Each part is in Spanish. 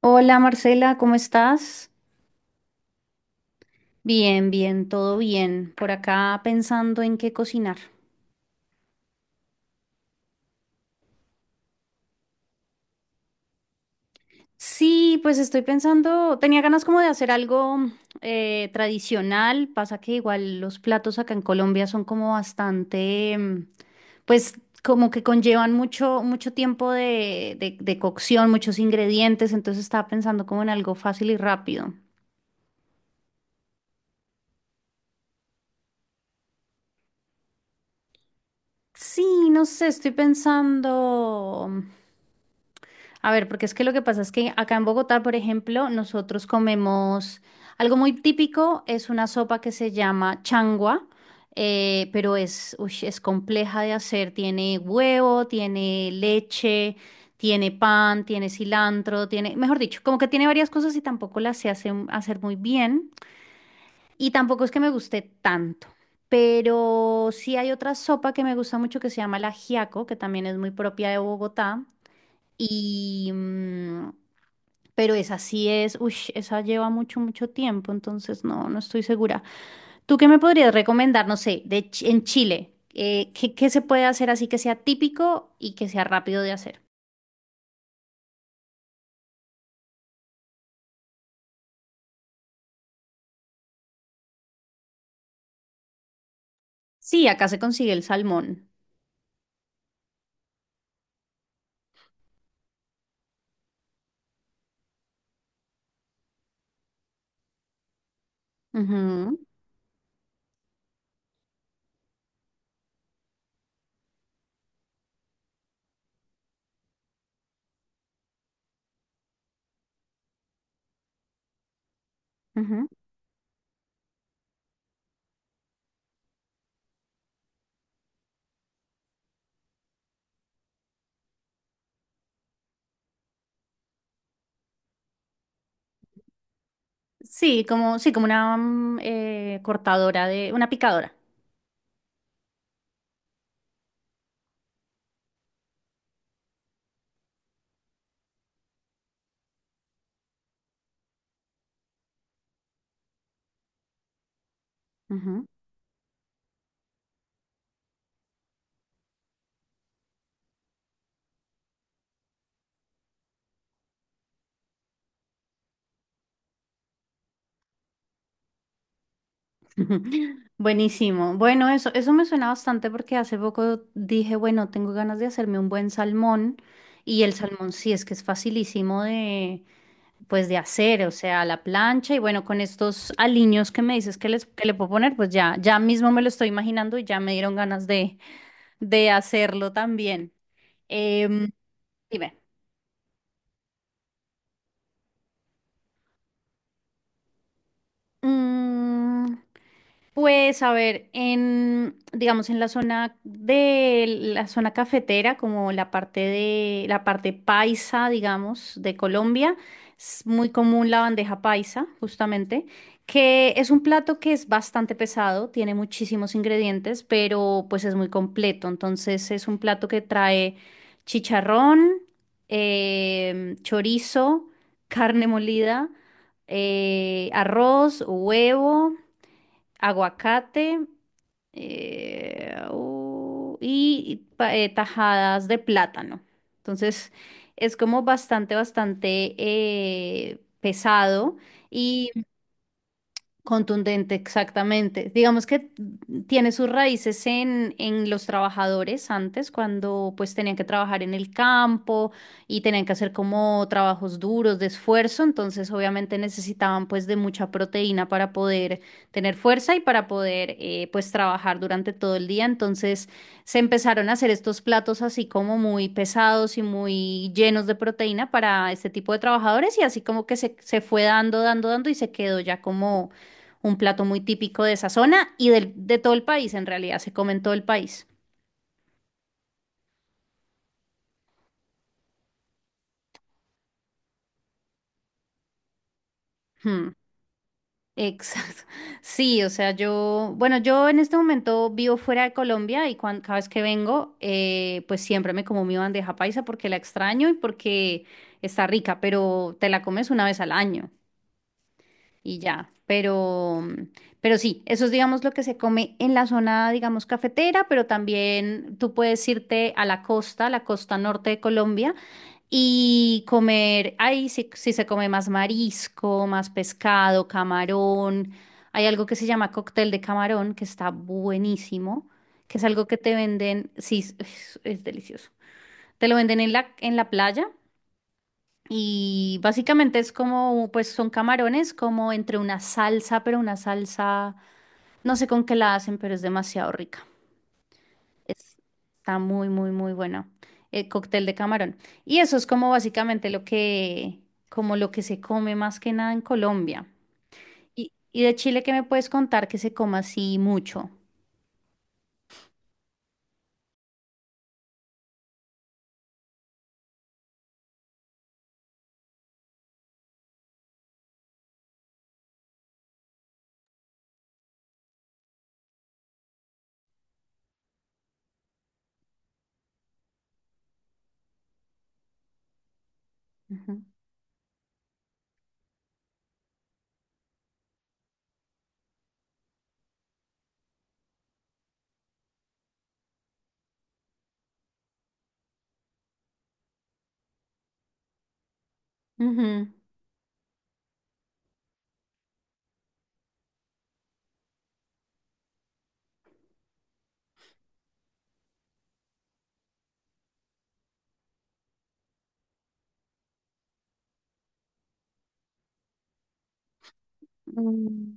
Hola Marcela, ¿cómo estás? Bien, bien, todo bien. Por acá pensando en qué cocinar. Sí, pues estoy pensando, tenía ganas como de hacer algo tradicional. Pasa que igual los platos acá en Colombia son como bastante, pues como que conllevan mucho, mucho tiempo de cocción, muchos ingredientes. Entonces estaba pensando como en algo fácil y rápido. Sí, no sé, estoy pensando. A ver, porque es que lo que pasa es que acá en Bogotá, por ejemplo, nosotros comemos algo muy típico, es una sopa que se llama changua, pero ush, es compleja de hacer. Tiene huevo, tiene leche, tiene pan, tiene cilantro, tiene, mejor dicho, como que tiene varias cosas y tampoco las hacer muy bien. Y tampoco es que me guste tanto. Pero sí hay otra sopa que me gusta mucho que se llama el ajiaco, que también es muy propia de Bogotá. Y, mm, pero esa sí es, uy, esa lleva mucho, mucho tiempo, entonces no, no estoy segura. ¿Tú qué me podrías recomendar, no sé, en Chile? ¿Qué se puede hacer así que sea típico y que sea rápido de hacer? Sí, acá se consigue el salmón. Ujú, ujú. Sí, como una cortadora una picadora. Buenísimo. Bueno, eso me suena bastante porque hace poco dije, bueno, tengo ganas de hacerme un buen salmón y el salmón sí es que es facilísimo pues de hacer, o sea, a la plancha y bueno, con estos aliños que me dices que le puedo poner, pues ya mismo me lo estoy imaginando y ya me dieron ganas de hacerlo también. Em, Dime. Mm, Pues a ver, digamos, en la zona de la zona cafetera, como la parte de la parte paisa, digamos, de Colombia, es muy común la bandeja paisa, justamente, que es un plato que es bastante pesado, tiene muchísimos ingredientes, pero pues es muy completo. Entonces es un plato que trae chicharrón, chorizo, carne molida, arroz, huevo, aguacate, y tajadas de plátano. Entonces es como bastante, bastante pesado. Contundente, exactamente. Digamos que tiene sus raíces en los trabajadores antes, cuando pues tenían que trabajar en el campo y tenían que hacer como trabajos duros de esfuerzo, entonces obviamente necesitaban pues de mucha proteína para poder tener fuerza y para poder pues trabajar durante todo el día, entonces se empezaron a hacer estos platos así como muy pesados y muy llenos de proteína para este tipo de trabajadores y así como que se fue dando, dando, dando y se quedó ya como un plato muy típico de esa zona y de todo el país, en realidad, se come en todo el país. Hmm, exacto. Sí, o sea, bueno, yo en este momento vivo fuera de Colombia y cada vez que vengo, pues siempre me como mi bandeja paisa porque la extraño y porque está rica, pero te la comes una vez al año y ya. Pero sí, eso es, digamos, lo que se come en la zona, digamos, cafetera, pero también tú puedes irte a la costa norte de Colombia y comer, ahí sí, sí se come más marisco, más pescado, camarón. Hay algo que se llama cóctel de camarón, que está buenísimo, que es algo que te venden, sí, es delicioso. Te lo venden en la playa y básicamente es como, pues son camarones como entre una salsa, pero una salsa, no sé con qué la hacen, pero es demasiado rica. Es- Está muy, muy, muy bueno. El cóctel de camarón. Y eso es como básicamente lo que se come más que nada en Colombia. Y de Chile, ¿qué me puedes contar que se coma así mucho? Ujú. Ujú. Mm.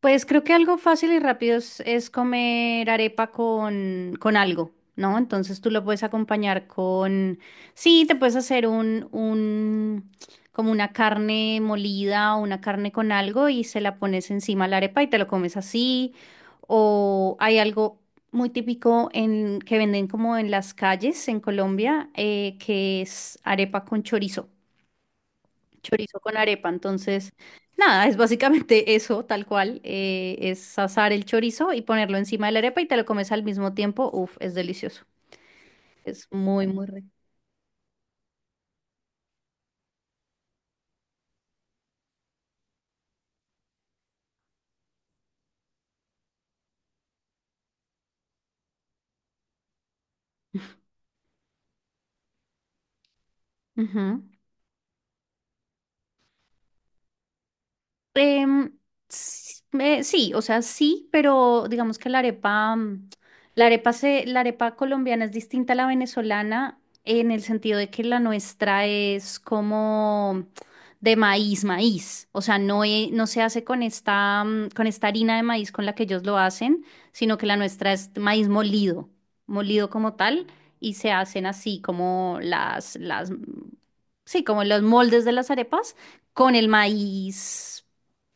Pues creo que algo fácil y rápido es comer arepa con algo, ¿no? Entonces tú lo puedes acompañar sí, te puedes hacer como una carne molida o una carne con algo y se la pones encima a la arepa y te lo comes así. O hay algo muy típico que venden como en las calles en Colombia, que es arepa con chorizo, chorizo con arepa. Entonces, nada, es básicamente eso, tal cual. Es asar el chorizo y ponerlo encima de la arepa y te lo comes al mismo tiempo. Uf, es delicioso. Es muy, muy rico. Ujú. Em, sí, o sea, sí, pero digamos que la arepa, la arepa colombiana es distinta a la venezolana en el sentido de que la nuestra es como de maíz, maíz. O sea, no, no se hace con esta harina de maíz con la que ellos lo hacen, sino que la nuestra es maíz molido, molido como tal, y se hacen así como sí, como los moldes de las arepas con el maíz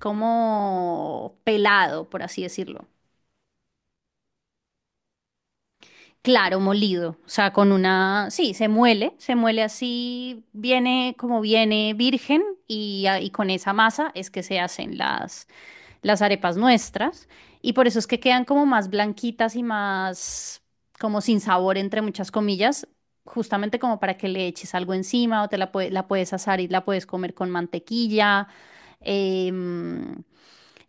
como pelado, por así decirlo. Claro, molido, o sea, sí, se muele, así, viene como viene virgen y, y con esa masa es que se hacen las arepas nuestras y por eso es que quedan como más blanquitas y más como sin sabor, entre muchas comillas, justamente como para que le eches algo encima o la puedes asar y la puedes comer con mantequilla. em,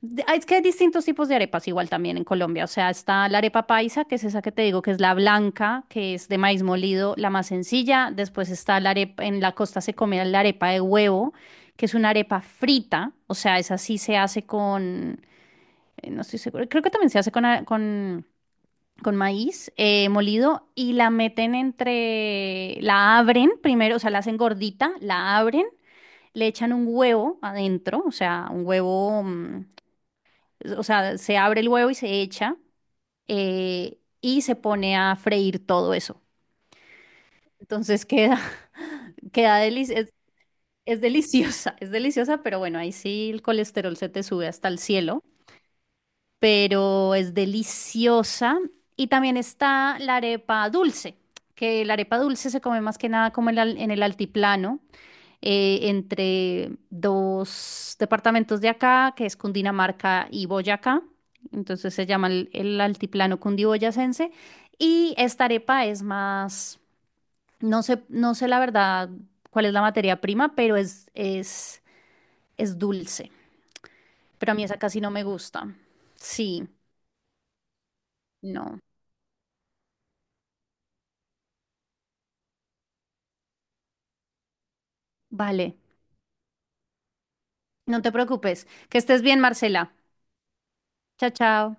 Es que hay distintos tipos de arepas igual también en Colombia. O sea, está la arepa paisa, que es esa que te digo, que es la blanca, que es de maíz molido, la más sencilla. Después está la arepa, en la costa se come la arepa de huevo, que es una arepa frita. O sea, esa sí se hace no estoy segura, creo que también se hace con maíz molido y la meten la abren primero, o sea, la hacen gordita, la abren, le echan un huevo adentro, o sea, un huevo. O sea, se abre el huevo y se echa y se pone a freír todo eso. Entonces queda, queda es deliciosa, pero bueno, ahí sí el colesterol se te sube hasta el cielo, pero es deliciosa. Y también está la arepa dulce, que la arepa dulce se come más que nada como en el altiplano. Entre dos departamentos de acá, que es Cundinamarca y Boyacá. Entonces se llama el altiplano cundiboyacense. Y esta arepa es más, no sé, no sé la verdad cuál es la materia prima, pero es dulce. Pero a mí esa casi no me gusta. Sí, no. Vale. No te preocupes. Que estés bien, Marcela. Chao, chao.